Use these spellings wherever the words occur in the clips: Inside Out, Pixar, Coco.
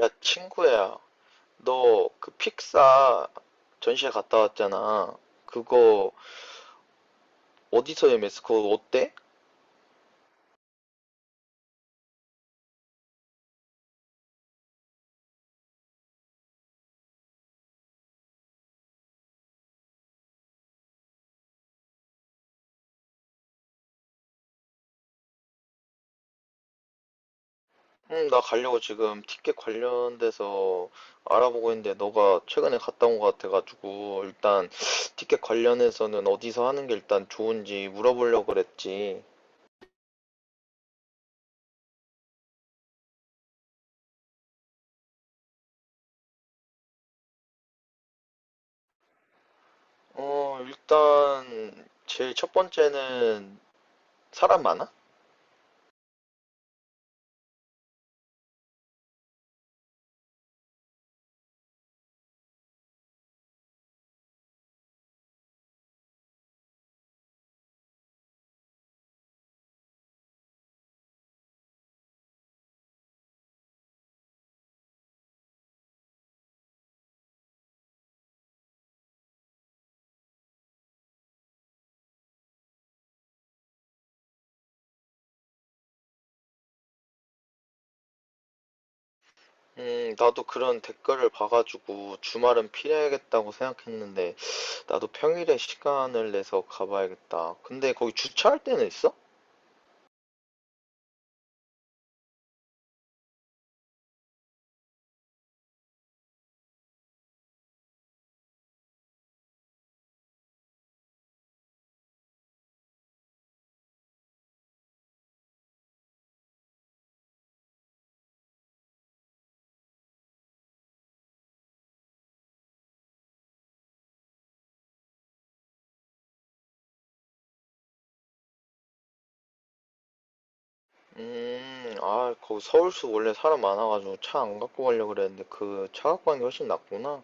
야, 친구야, 너 그 픽사 전시회 갔다 왔잖아. 그거 어디서 예매했어? 그거 어때? 응, 나 가려고 지금 티켓 관련돼서 알아보고 있는데 너가 최근에 갔다 온 것 같아가지고 일단 티켓 관련해서는 어디서 하는 게 일단 좋은지 물어보려고 그랬지. 일단 제일 첫 번째는 사람 많아? 나도 그런 댓글을 봐가지고 주말은 피해야겠다고 생각했는데 나도 평일에 시간을 내서 가봐야겠다. 근데 거기 주차할 데는 있어? 거기 서울수 원래 사람 많아가지고 차 안 갖고 가려고 그랬는데 그 차 갖고 가는 게 훨씬 낫구나.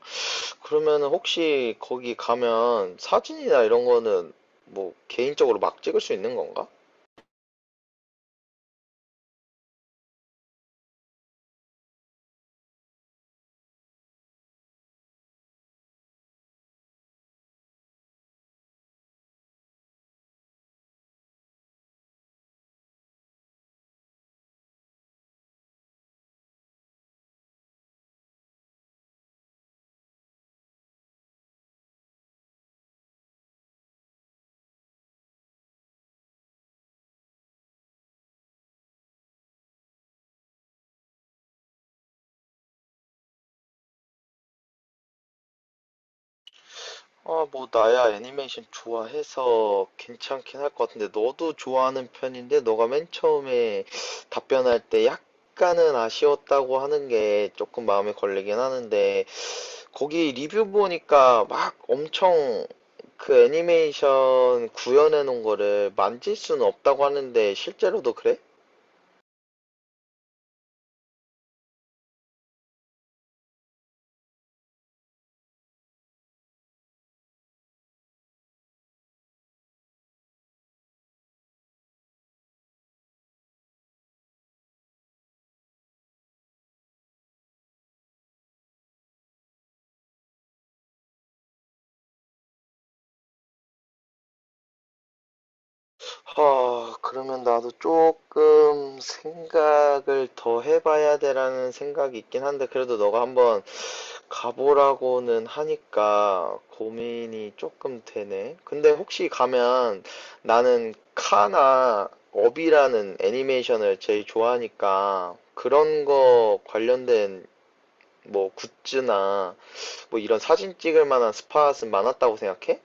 그러면 혹시 거기 가면 사진이나 이런 거는 뭐 개인적으로 막 찍을 수 있는 건가? 뭐 나야 애니메이션 좋아해서 괜찮긴 할 것 같은데 너도 좋아하는 편인데 너가 맨 처음에 답변할 때 약간은 아쉬웠다고 하는 게 조금 마음에 걸리긴 하는데 거기 리뷰 보니까 막 엄청 그 애니메이션 구현해 놓은 거를 만질 수는 없다고 하는데 실제로도 그래? 그러면 나도 조금 생각을 더 해봐야 되라는 생각이 있긴 한데 그래도 너가 한번 가보라고는 하니까 고민이 조금 되네. 근데 혹시 가면 나는 카나 업이라는 애니메이션을 제일 좋아하니까 그런 거 관련된 뭐 굿즈나 뭐 이런 사진 찍을 만한 스팟은 많았다고 생각해?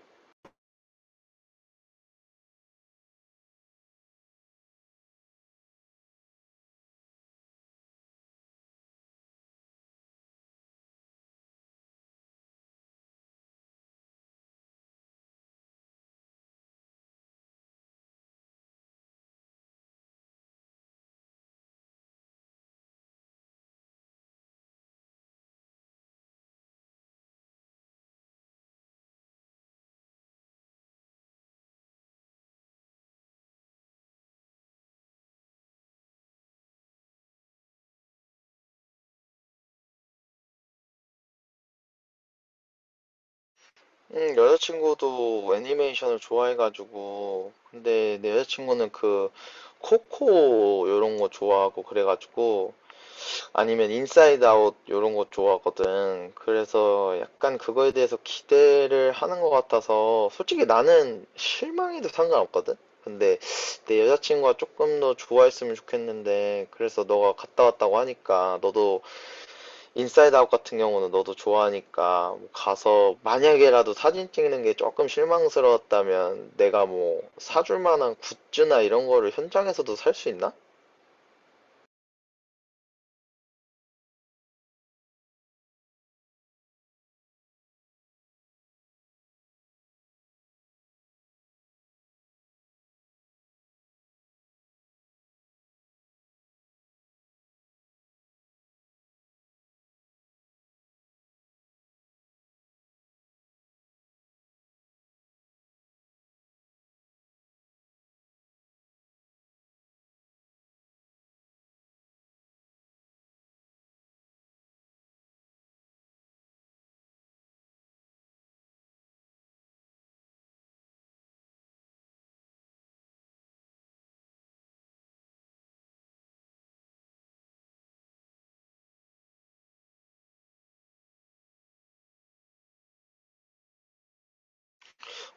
여자친구도 애니메이션을 좋아해가지고 근데 내 여자친구는 그 코코 요런 거 좋아하고 그래가지고 아니면 인사이드 아웃 요런 거 좋아하거든. 그래서 약간 그거에 대해서 기대를 하는 것 같아서 솔직히 나는 실망해도 상관없거든. 근데 내 여자친구가 조금 더 좋아했으면 좋겠는데, 그래서 너가 갔다 왔다고 하니까 너도, 인사이드 아웃 같은 경우는 너도 좋아하니까 뭐 가서 만약에라도 사진 찍는 게 조금 실망스러웠다면 내가 뭐 사줄 만한 굿즈나 이런 거를 현장에서도 살 수 있나?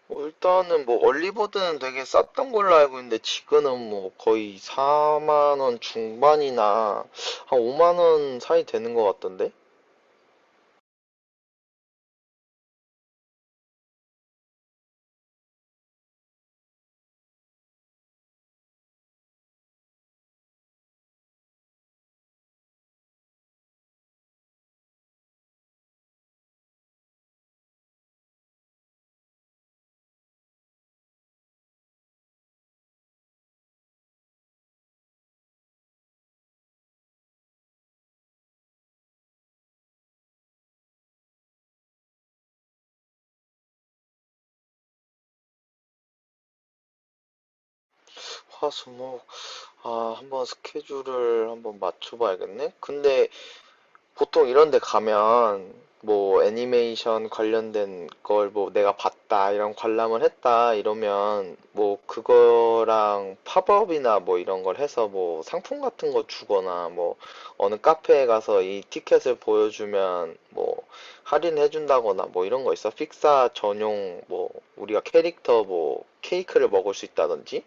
뭐 일단은 뭐 얼리버드는 되게 쌌던 걸로 알고 있는데 지금은 뭐 거의 4만 원 중반이나 한 5만 원 사이 되는 것 같던데? 화수목, 한번 스케줄을 한번 맞춰봐야겠네. 근데 보통 이런 데 가면 뭐 애니메이션 관련된 걸 뭐 내가 봤다 이런 관람을 했다 이러면 뭐 그거랑 팝업이나 뭐 이런 걸 해서 뭐 상품 같은 거 주거나 뭐 어느 카페에 가서 이 티켓을 보여주면 뭐 할인해 준다거나 뭐 이런 거 있어? 픽사 전용 뭐 우리가 캐릭터 뭐 케이크를 먹을 수 있다든지.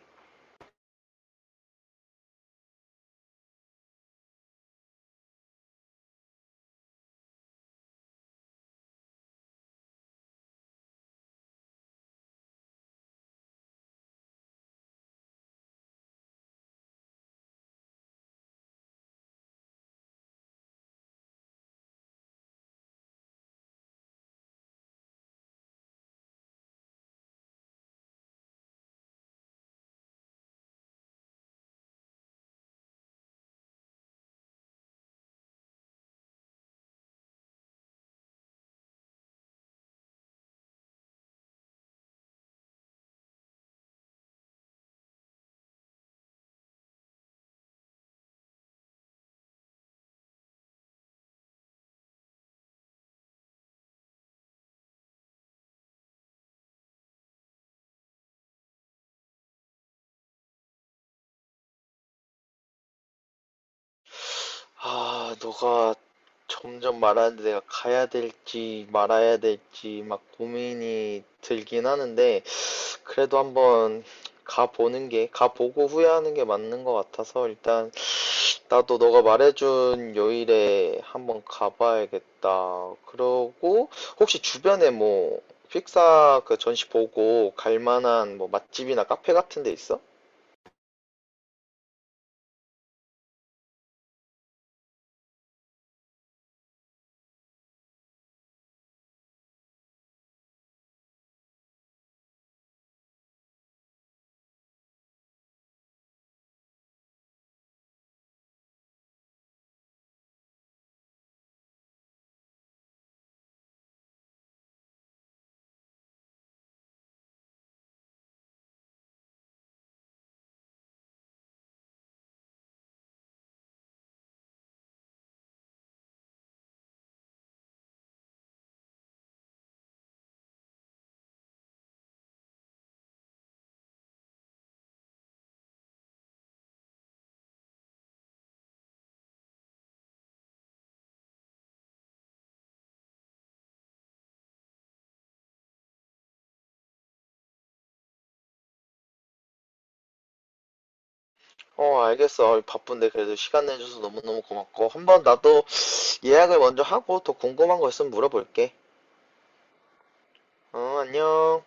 너가 점점 말하는데 내가 가야 될지 말아야 될지 막 고민이 들긴 하는데 그래도 한번 가보는 게 가보고 후회하는 게 맞는 것 같아서 일단 나도 너가 말해준 요일에 한번 가봐야겠다. 그러고 혹시 주변에 뭐 픽사 그 전시 보고 갈 만한 뭐 맛집이나 카페 같은 데 있어? 어, 알겠어. 바쁜데 그래도 시간 내줘서 너무너무 고맙고 한번 나도 예약을 먼저 하고 더 궁금한 거 있으면 물어볼게. 어, 안녕.